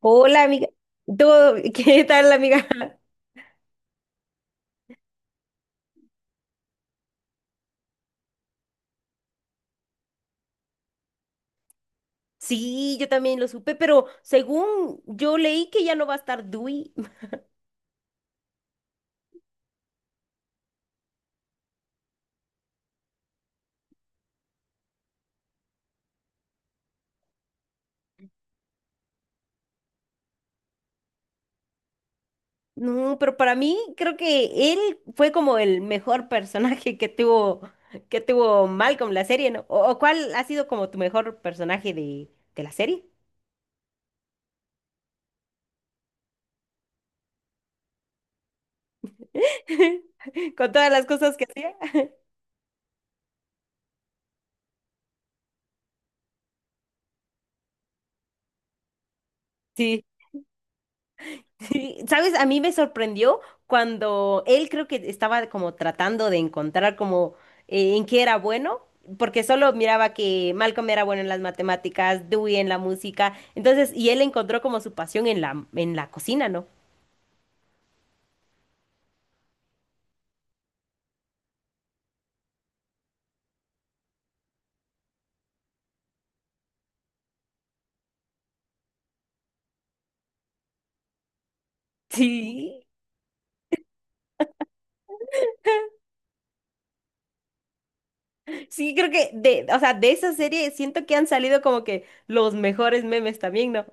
Hola, amiga. ¿Todo- ¿Qué tal, amiga? Sí, yo también lo supe, pero según yo leí que ya no va a estar Dewey. No, pero para mí creo que él fue como el mejor personaje que tuvo Malcolm la serie, ¿no? ¿O cuál ha sido como tu mejor personaje de la serie? Con todas las cosas que hacía. Sí. Sí, ¿sabes? A mí me sorprendió cuando él creo que estaba como tratando de encontrar como en qué era bueno, porque solo miraba que Malcolm era bueno en las matemáticas, Dewey en la música, entonces, y él encontró como su pasión en la cocina, ¿no? Sí, sí, creo que de, o sea, de esa serie siento que han salido como que los mejores memes también, ¿no?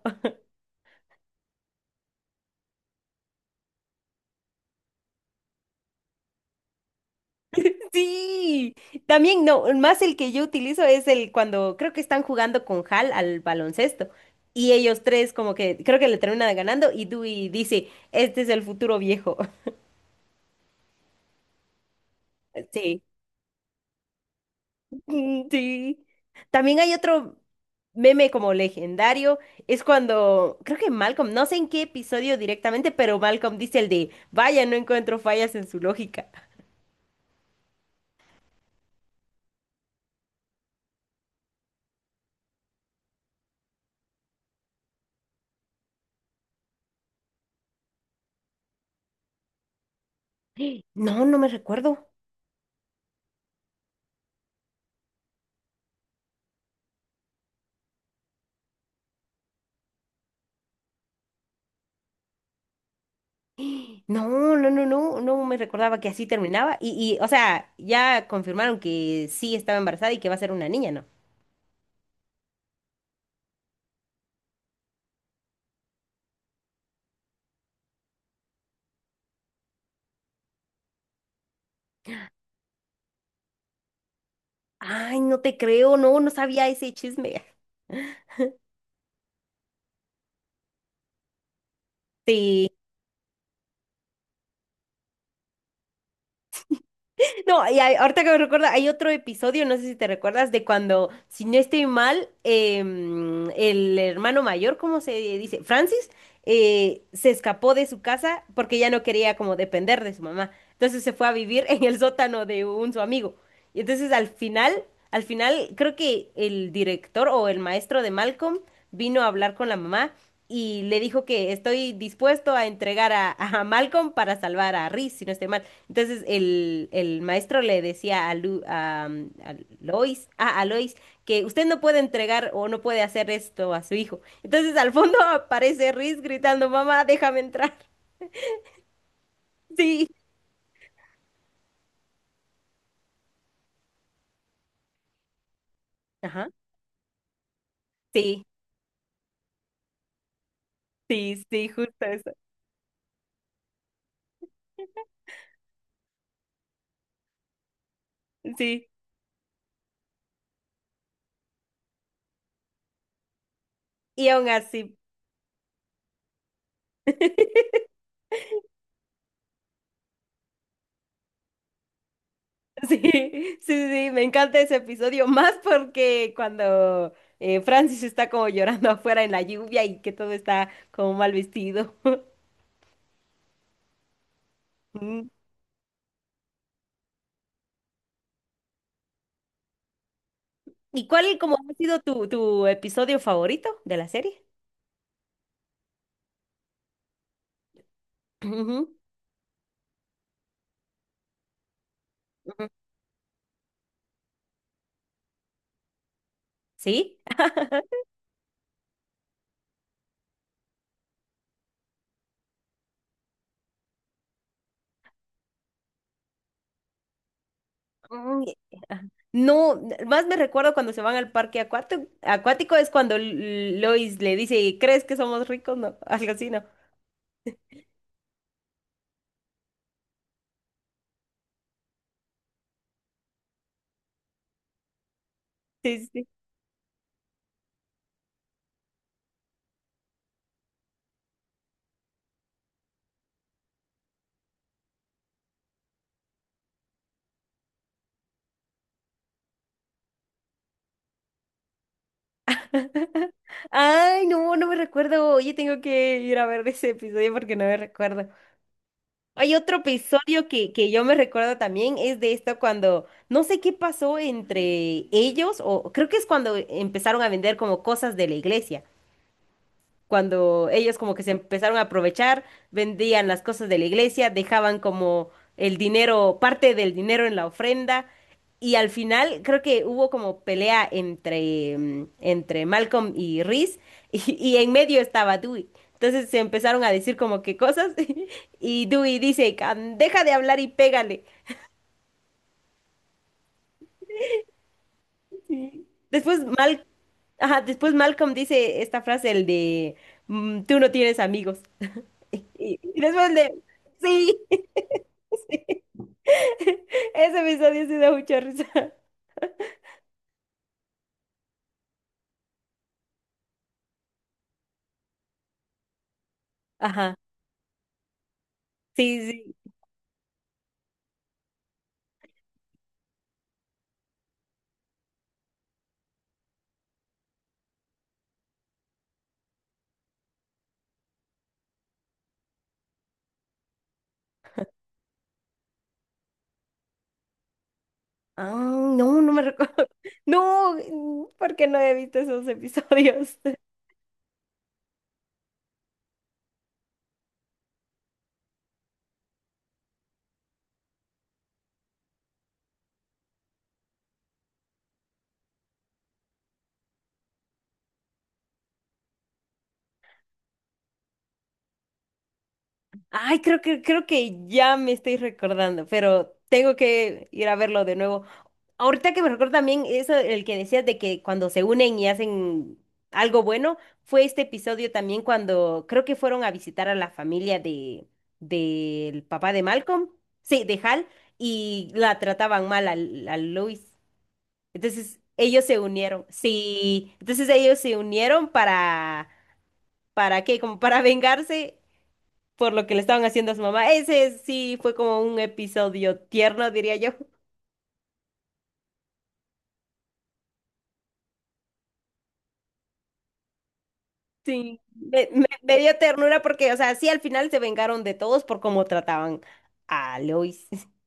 Sí, también no, más el que yo utilizo es el cuando creo que están jugando con Hal al baloncesto y ellos tres como que creo que le terminan ganando y Dewey dice, este es el futuro viejo. Sí, mm, sí. También hay otro meme como legendario, es cuando creo que Malcolm, no sé en qué episodio directamente, pero Malcolm dice el de, vaya, no encuentro fallas en su lógica. No, no me recuerdo. No, no, no me recordaba que así terminaba. Y, o sea, ya confirmaron que sí estaba embarazada y que va a ser una niña, ¿no? Ay, no te creo, no, no sabía ese chisme. Sí. No, y hay- ahorita que me recuerda, hay otro episodio, no sé si te recuerdas, de cuando, si no estoy mal, el hermano mayor, ¿cómo se dice? Francis, se escapó de su casa porque ya no quería como depender de su mamá. Entonces se fue a vivir en el sótano de un su amigo. Y entonces al final, creo que el director o el maestro de Malcolm vino a hablar con la mamá y le dijo que estoy dispuesto a entregar a, a Malcolm para salvar a Reese, si no estoy mal. Entonces el maestro le decía a, Lu- a Lois, ah, a Lois, que usted no puede entregar o no puede hacer esto a su hijo. Entonces al fondo aparece Reese gritando, mamá, déjame entrar. Sí. Ajá. Sí, sí, sí, justo eso. Sí. Y aún así, sí, sí, sí, me encanta ese episodio, más porque cuando Francis está como llorando afuera en la lluvia y que todo está como mal vestido. ¿Y cuál como ha sido tu episodio favorito de la serie? Ujú, ujú. ¿Sí? Mm, ajá. No, n- más me recuerdo cuando se van al parque acuático, acuático es cuando L- Lois le dice, ¿crees que somos ricos? No, algo así, ¿no? Sí, sí, sí. Ay, no, no me recuerdo. Oye, tengo que ir a ver ese episodio porque no me recuerdo. Hay otro episodio que yo me recuerdo también, es de esto cuando no sé qué pasó entre ellos, o creo que es cuando empezaron a vender como cosas de la iglesia cuando ellos como que se empezaron a aprovechar, vendían las cosas de la iglesia, dejaban como el dinero, parte del dinero en la ofrenda, y al final creo que hubo como pelea entre, mm, entre Malcolm y Reese, y en medio estaba Dewey. Entonces se empezaron a decir como que cosas, y Dewey dice, "Can- deja de hablar y pégale." Después, Mal, ajá, después Malcolm dice esta frase, el de, "Mm, tú no tienes amigos." Y después el de, sí. Ese episodio sí da mucha risa. Ajá, sí, sí. Ah, no, no me recuerdo. No, ¿porque no he visto esos episodios? Ay, creo que ya me estoy recordando, pero tengo que ir a verlo de nuevo. Ahorita que me recuerdo también eso, el que decías de que cuando se unen y hacen algo bueno, fue este episodio también cuando creo que fueron a visitar a la familia de del papá de Malcolm, sí, de Hal, y la trataban mal al- a, Luis. Entonces ellos se unieron, sí, entonces ellos se unieron ¿para qué? Como para vengarse por lo que le estaban haciendo a su mamá. Ese sí fue como un episodio tierno, diría yo. Sí, me dio ternura porque, o sea, sí, al final se vengaron de todos por cómo trataban a Lois.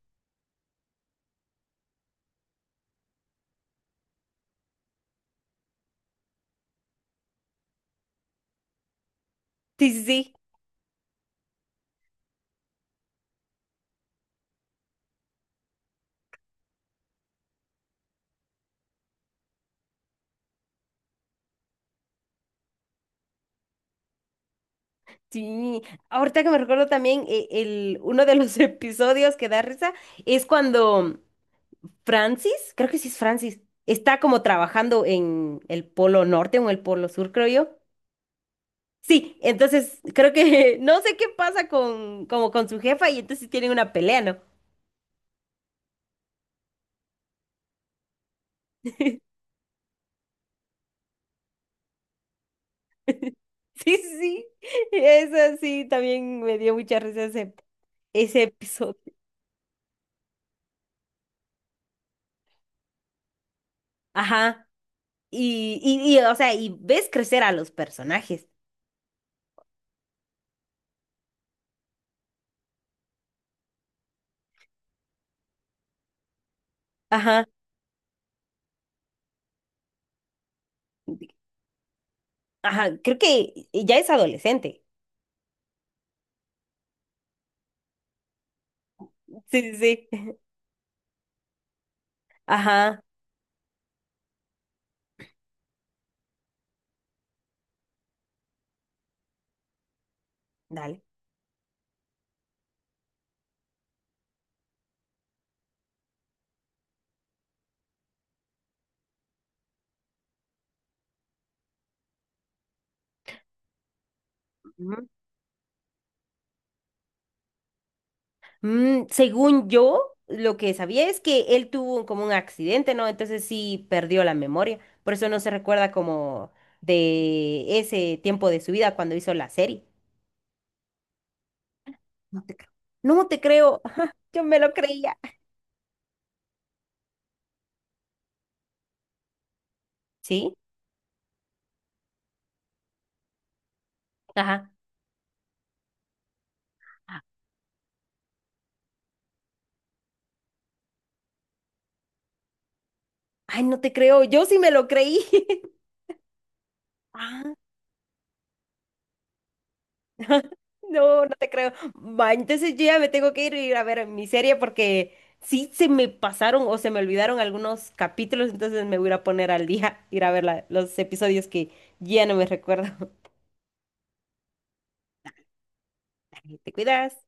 Sí, sí, sí. Sí, ahorita que me recuerdo también, el, uno de los episodios que da risa es cuando Francis, creo que sí es Francis, está como trabajando en el polo norte o en el polo sur, creo yo. Sí, entonces creo que no sé qué pasa con, como con su jefa y entonces tienen una pelea, ¿no? Sí, sí, eso sí, también me dio mucha risa ese, ese episodio. Ajá, y, o sea, y ves crecer a los personajes. Ajá, ajá, creo que ya es adolescente. Sí, sí, sí. Ajá, dale. Ujú. Mm, según yo, lo que sabía es que él tuvo como un accidente, ¿no? Entonces sí perdió la memoria, por eso no se recuerda como de ese tiempo de su vida cuando hizo la serie. No te creo. No te creo. Ajá, yo me lo creía. ¿Sí? Ajá. Ay, no te creo. Yo sí me lo creí. Ah, no, no te creo. Va, entonces yo ya me tengo que ir, ir a ver mi serie porque sí se me pasaron o se me olvidaron algunos capítulos, entonces me voy a ir a poner al día, ir a ver la- los episodios que ya no me recuerdo. Te cuidas.